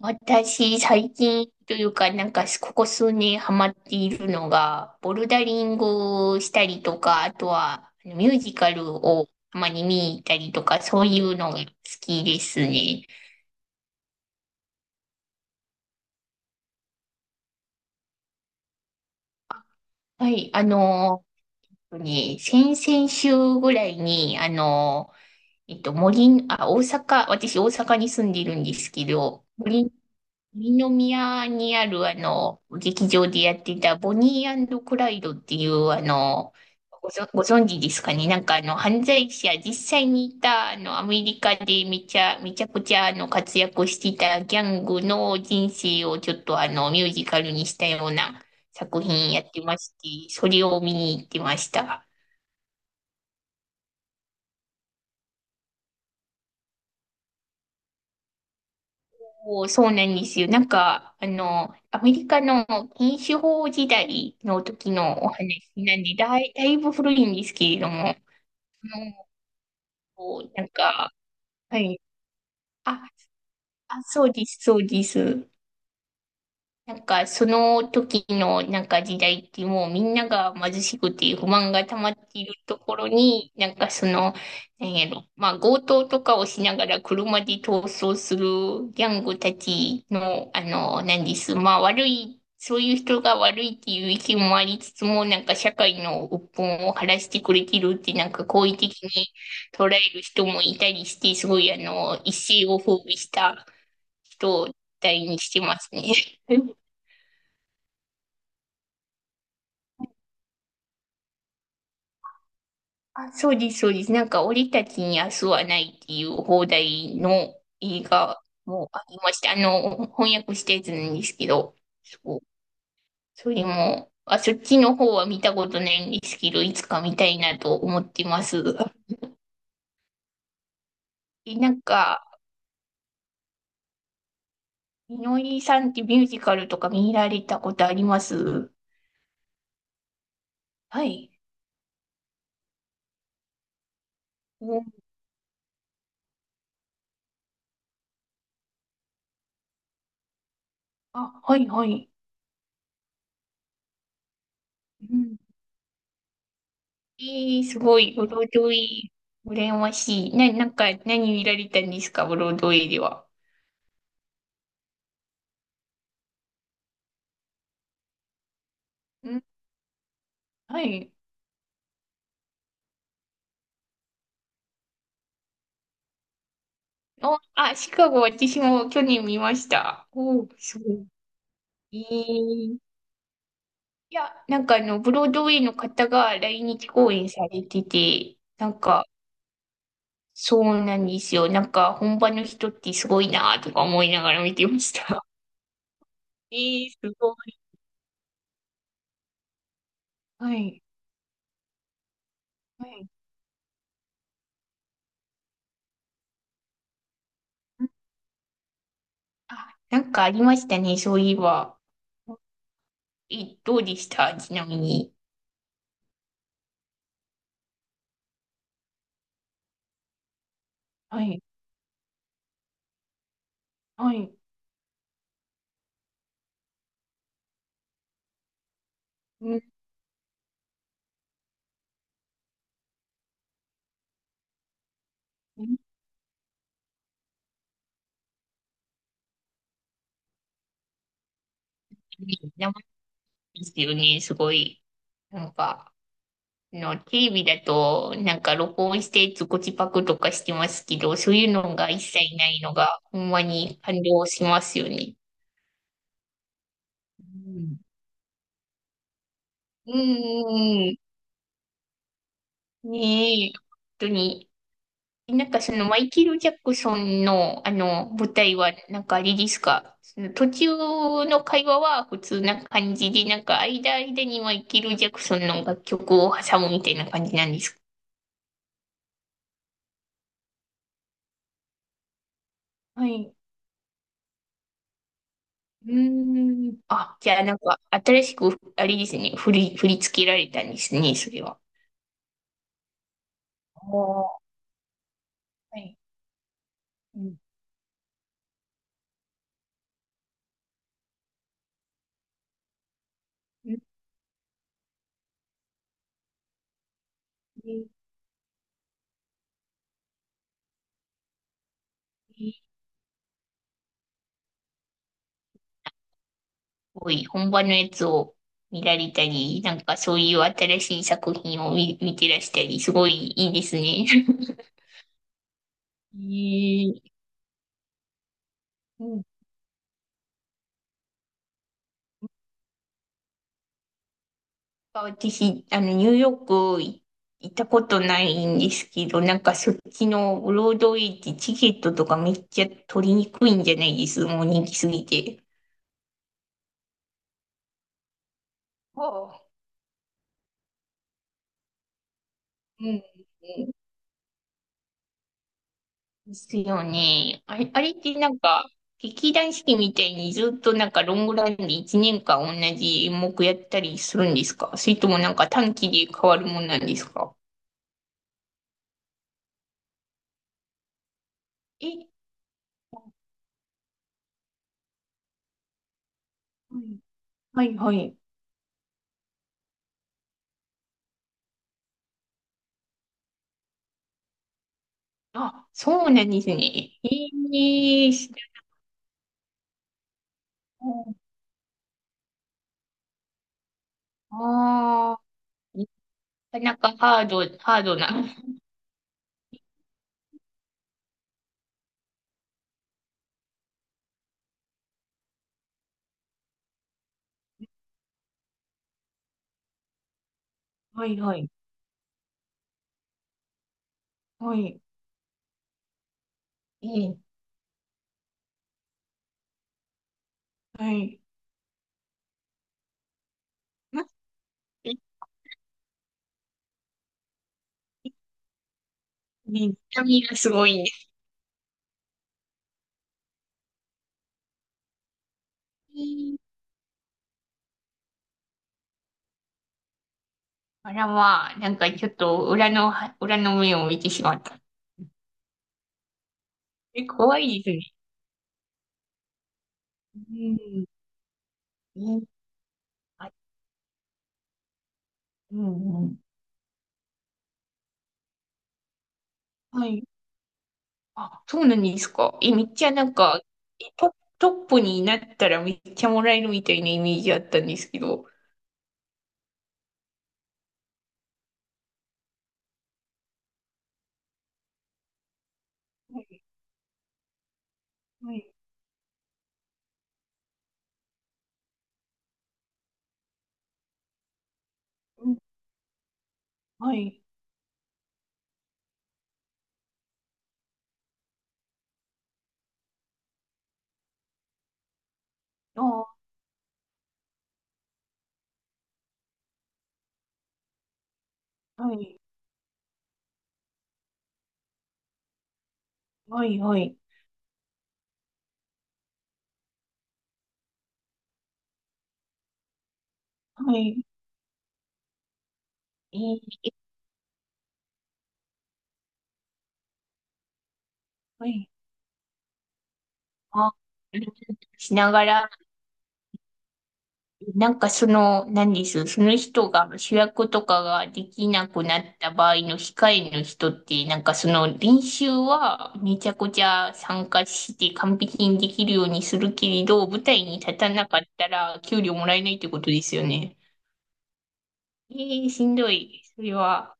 私、最近というか、なんか、ここ数年ハマっているのが、ボルダリングをしたりとか、あとは、ミュージカルをたまに見に行ったりとか、そういうのが好きですね。はい、ね、先々週ぐらいに、大阪、私大阪に住んでいるんですけど、森二宮にある劇場でやってたボニークライドっていうご存知ですかね？なんか犯罪者、実際にいたアメリカでめちゃくちゃ活躍してたギャングの人生をちょっとミュージカルにしたような作品やってまして、それを見に行ってました。そうなんですよ。なんか、アメリカの禁酒法時代の時のお話なんで、だいぶ古いんですけれども、のこうなんか、はい。あ、あ、そうです、そうです。なんか、その時のなんか時代ってもうみんなが貧しくて不満が溜まっているところに、なんかその、なんやろ、まあ強盗とかをしながら車で逃走するギャングたちの、なんです。まあ悪い、そういう人が悪いっていう意見もありつつも、なんか社会の鬱憤を晴らしてくれてるって、なんか好意的に捉える人もいたりして、すごい一世を風靡した人体にしてますね。あ、そうです、そうです。なんか、俺たちに明日はないっていう放題の映画もありました。翻訳したやつなんですけど、そう。それも、あ、そっちの方は見たことないんですけど、いつか見たいなと思ってます。え、なんか、みのりさんってミュージカルとか見られたことあります？はい。お、あ、はい、はい。うん。えすごい、ブロードウェイ、羨ましい。なんか、何見られたんですか、ブロードウェイでは？はい。お、あ、シカゴ、私も去年見ました。おー、すごい。えー、いや、なんかブロードウェイの方が来日公演されてて、なんか、そうなんですよ。なんか、本場の人ってすごいなとか思いながら見てました。えー、すごい。はい。はい。あ、なんかありましたね、そういえば。え、どうでしたちなみに？はい。はい。うん。生ですよね、すごい。なんか。の、テレビだと、なんか録音してズコチパクとかしてますけど、そういうのが一切ないのが、ほんまに感動しますよね。うんうんん。ねえ、本当に。なんかそのマイケル・ジャクソンの舞台はなんかあれですかその途中の会話は普通な感じで、なんか間間にマイケル・ジャクソンの楽曲を挟むみたいな感じなんですか？はい。うーん。あ、じゃあなんか、新しく、あれですね、振り付けられたんですね、それは。おー、はい。うん。うんすごい、本場のやつを見られたり、なんかそういう新しい作品を見てらしたり、すごいいいですね。いい。うん。私、ニューヨークい行ったことないんですけど、なんかそっちのブロードウェイってチケットとかめっちゃ取りにくいんじゃないですもう人気すぎて。うん。うんですよね。あれ、あれってなんか、劇団四季みたいにずっとなんかロングランで1年間同じ演目やったりするんですか？それともなんか短期で変わるもんなんですか？え、はい、はい、はい。あ、そうなんですね。ええ知らない。ああ、なかなかハードな。はい、はい、はい。ええはい。ま、え、え、痛みがすごいね。ええあらまあ、なんかちょっと裏の目を見てしまった。え、怖いですね。うん。え、あ、うんうん。はい。あ、そうなんですか。え、めっちゃなんか、え、トップになったらめっちゃもらえるみたいなイメージあったんですけど。はい、はい、うん、はい、あ、はい、はい、はい、はい、えーはい、あ、しながら、なんかその、何です、その人が主役とかができなくなった場合の控えの人って、なんかその練習はめちゃくちゃ参加して完璧にできるようにするけれど、舞台に立たなかったら給料もらえないってことですよね。えー、しんどい。それは、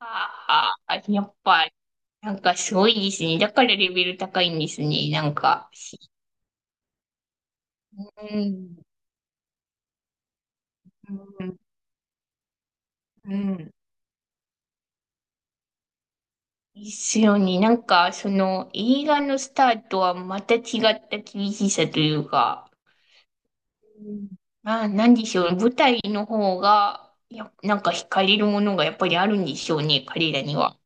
あやっぱ、なんかすごいですね。だからレベル高いんですね。なんか、しうん、うん、うん。ですよね。なんか、その映画のスタートはまた違った厳しさというか、うんあ、なんでしょうね。舞台の方が、や、なんか惹かれるものがやっぱりあるんでしょうね、彼らには。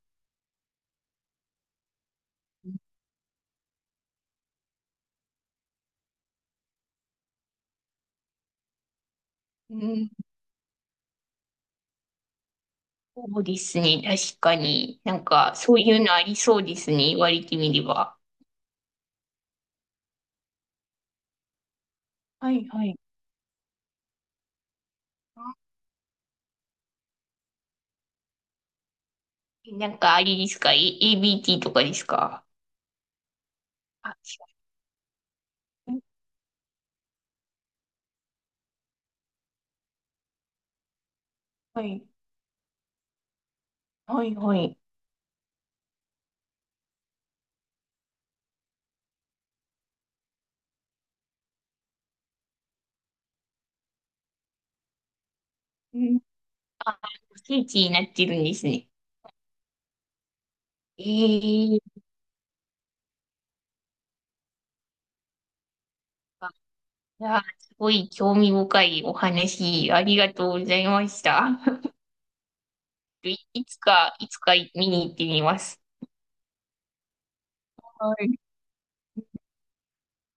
うんそうですね、確かに。なんか、そういうのありそうですね、言われてみれば。はいはい。あなんか、あれですか、ABT とかですか？あ、違うはい。はい、はい。うんあ、聖地になってるんですね。ええあいや、すごい興味深いお話、ありがとうございました。いつか、いつか見に行ってみます。はい